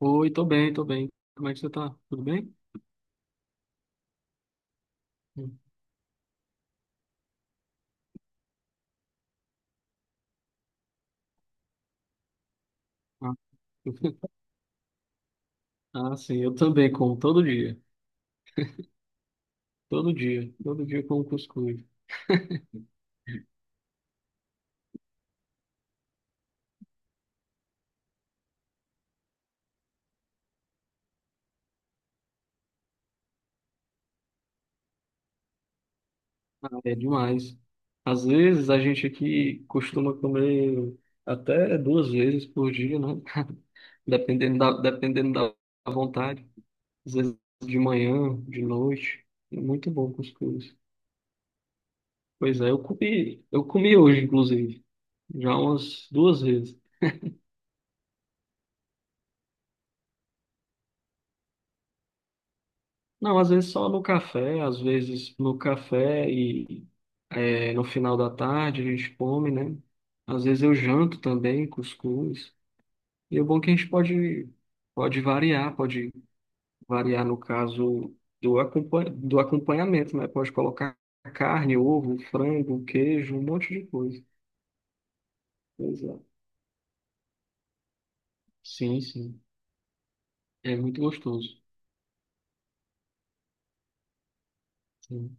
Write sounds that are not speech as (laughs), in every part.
Oi, tô bem, tô bem. Como é que você tá? Tudo bem? Hum. Ah, (laughs) Ah, sim, eu também como todo dia. Todo dia. Todo dia como cuscuz. Ah, é demais. Às vezes a gente aqui costuma comer até duas vezes por dia, né? (laughs) Dependendo da vontade. Às vezes de manhã, de noite. É muito bom cuscuz. Pois é, eu comi hoje, inclusive. Já umas duas vezes. Não, às vezes só no café, às vezes no café e no final da tarde a gente come, né? Às vezes eu janto também, cuscuz. E o bom é que a gente pode variar no caso do acompanhamento, né? Pode colocar carne, ovo, frango, queijo, um monte de coisa. Pois é. Sim, sim. É muito gostoso. Sim,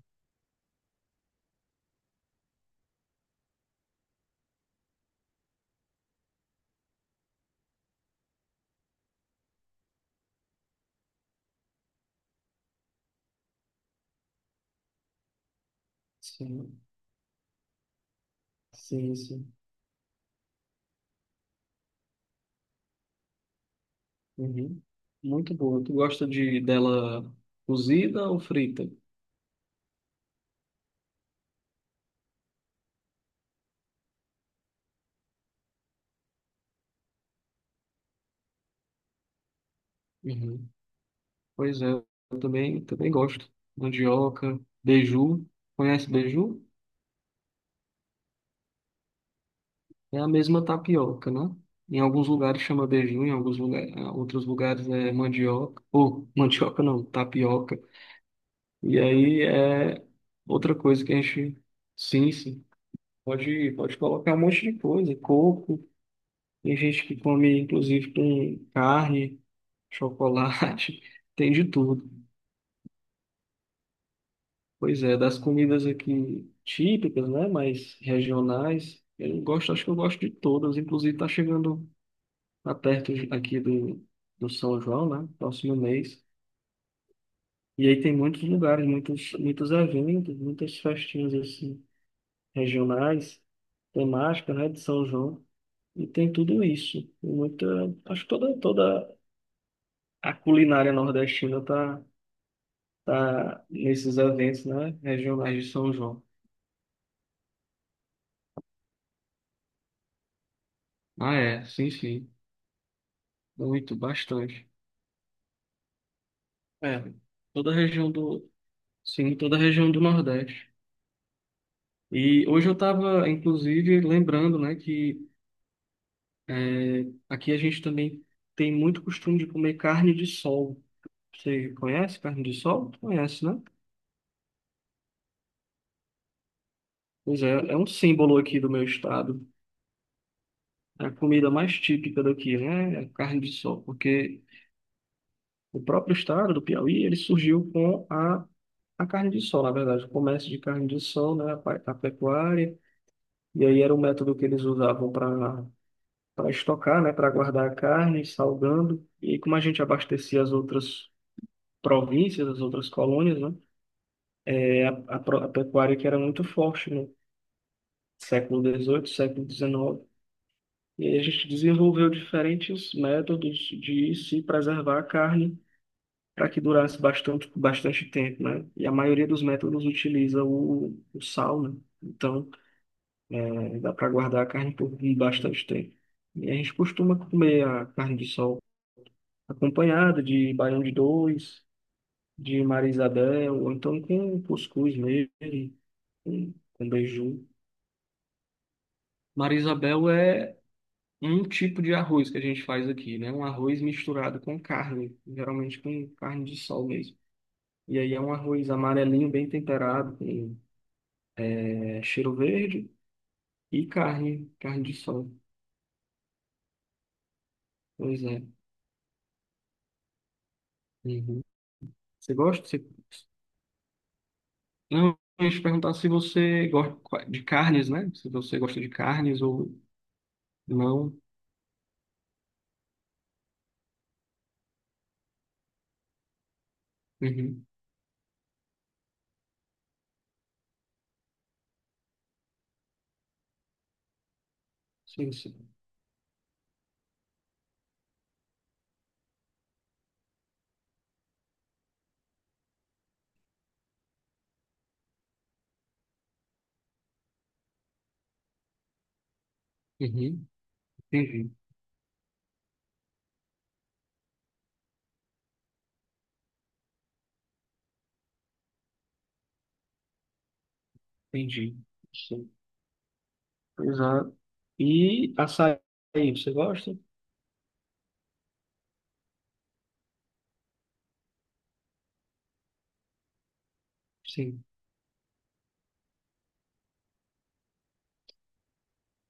sim, sim, sim. Uhum. Muito boa. Tu gosta de dela cozida ou frita? Uhum. Pois é, também gosto. Mandioca, beiju. Conhece beiju? É a mesma tapioca, né? Em alguns lugares chama beiju, outros lugares é mandioca. Ou, mandioca não, tapioca. E aí é outra coisa que a gente. Sim, sim. Pode colocar um monte de coisa. Coco. Tem gente que come, inclusive, com carne. Chocolate, (laughs) tem de tudo. Pois é, das comidas aqui típicas, né, mas regionais, eu gosto, acho que eu gosto de todas. Inclusive, tá chegando aqui do São João, né, próximo mês. E aí tem muitos lugares, muitos eventos, muitas festinhas assim, regionais, temática, né, de São João. E tem tudo isso. E Muita, acho que toda a culinária nordestina tá nesses eventos, né, regionais de São João. Ah, é, sim, sim. Muito, bastante. É, toda a região do, sim, toda a região do Nordeste. E hoje eu estava, inclusive, lembrando, né, que é, aqui a gente também tem muito costume de comer carne de sol. Você conhece carne de sol? Conhece, né? Pois é, é um símbolo aqui do meu estado. É a comida mais típica daqui, né? É a carne de sol, porque o próprio estado do Piauí, ele surgiu com a carne de sol, na verdade, o comércio de carne de sol, né, a pecuária, e aí era um método que eles usavam para estocar, né, para guardar a carne, salgando, e como a gente abastecia as outras províncias, as outras colônias, né, é a pecuária que era muito forte no século XVIII, século XIX, e aí a gente desenvolveu diferentes métodos de se preservar a carne para que durasse bastante, bastante tempo, né? E a maioria dos métodos utiliza o sal, né? Então, é, dá para guardar a carne por bastante tempo. E a gente costuma comer a carne de sol acompanhada de baião de dois, de Maria Isabel, ou então com cuscuz mesmo, com beiju. Maria Isabel é um tipo de arroz que a gente faz aqui, né? Um arroz misturado com carne, geralmente com carne de sol mesmo. E aí é um arroz amarelinho, bem temperado, com é cheiro verde e carne de sol. Pois é. Uhum. Você gosta? Você... Não, eu ia te perguntar se você gosta de carnes, né? Se você gosta de carnes ou não. Uhum. Sim, sim. Uhum. Entendi, entendi. Sim. Pois é. E açaí, você gosta? Sim.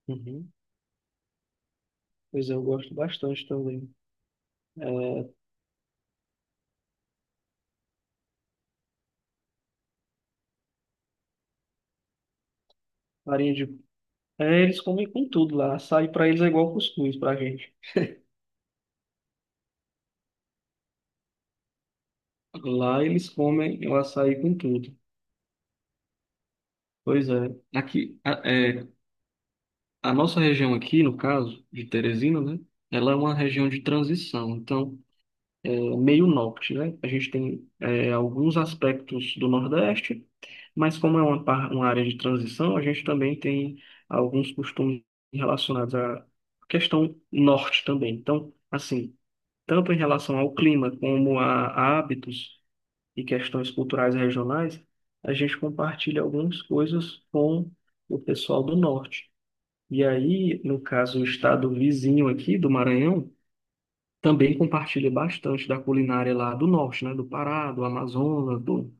Uhum. Pois é, eu gosto bastante também. É, farinha de... É, eles comem com tudo lá. Açaí para eles é igual cuscuz para gente. Lá eles comem o açaí com tudo. Pois é. Aqui, a, é, a nossa região aqui, no caso de Teresina, né? Ela é uma região de transição, então é meio norte, né? A gente tem é, alguns aspectos do Nordeste, mas como é uma, uma área de transição, a gente também tem alguns costumes relacionados à questão norte também. Então, assim, tanto em relação ao clima como a hábitos, e questões culturais regionais, a gente compartilha algumas coisas com o pessoal do norte. E aí, no caso, o estado vizinho aqui do Maranhão também compartilha bastante da culinária lá do norte, né? Do Pará, do Amazonas,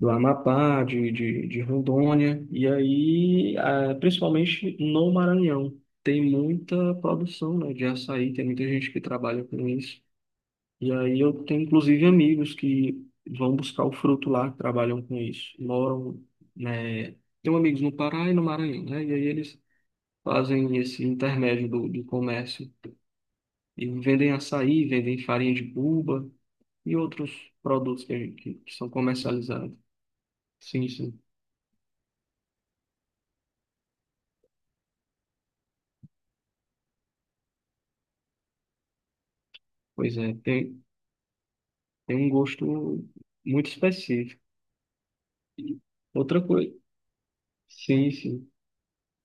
do Amapá, de Rondônia. E aí, ah, principalmente no Maranhão, tem muita produção, né, de açaí, tem muita gente que trabalha com isso. E aí eu tenho inclusive amigos que vão buscar o fruto lá, que trabalham com isso, moram, né? Tenho amigos no Pará e no Maranhão, né? E aí eles fazem esse intermédio do comércio e vendem açaí, vendem farinha de buba e outros produtos que, a gente- que são comercializados. Sim, sim. Pois é, tem um gosto muito específico. E outra coisa, sim, sim.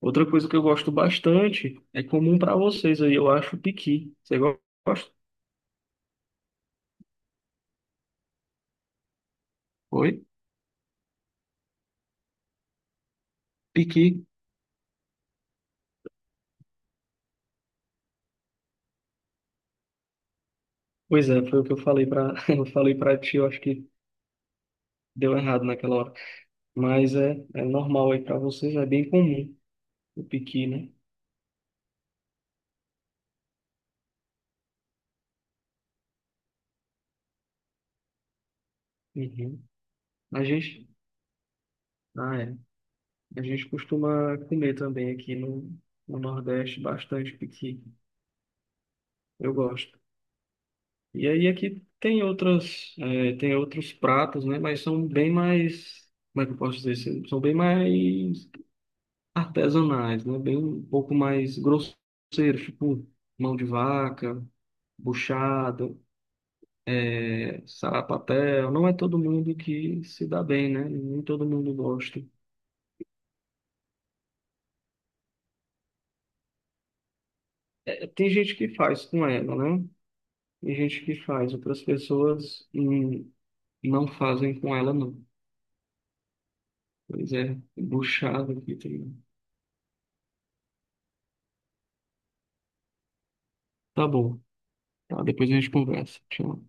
Outra coisa que eu gosto bastante é comum para vocês aí, eu acho, o piqui. Você gosta? Foi? Piqui. Pois é, foi o que eu falei para (laughs) eu falei para ti, eu acho que deu errado naquela hora. Mas é, é normal aí para vocês, é bem comum o piqui, né? Uhum. A gente, é. A gente costuma comer também aqui no, no Nordeste bastante piqui. Eu gosto. E aí aqui tem outras, é, tem outros pratos, né? Mas são bem mais, como é que eu posso dizer? São bem mais artesanais, né? Bem um pouco mais grosseiros, tipo mão de vaca, buchada, é, sarapatel. Não é todo mundo que se dá bem, né? Nem todo mundo gosta. É, tem gente que faz com ela, né? Tem gente que faz, outras pessoas não fazem com ela, não. Pois é, buchada aqui tem. Tá bom, tá, depois a gente conversa. Tchau.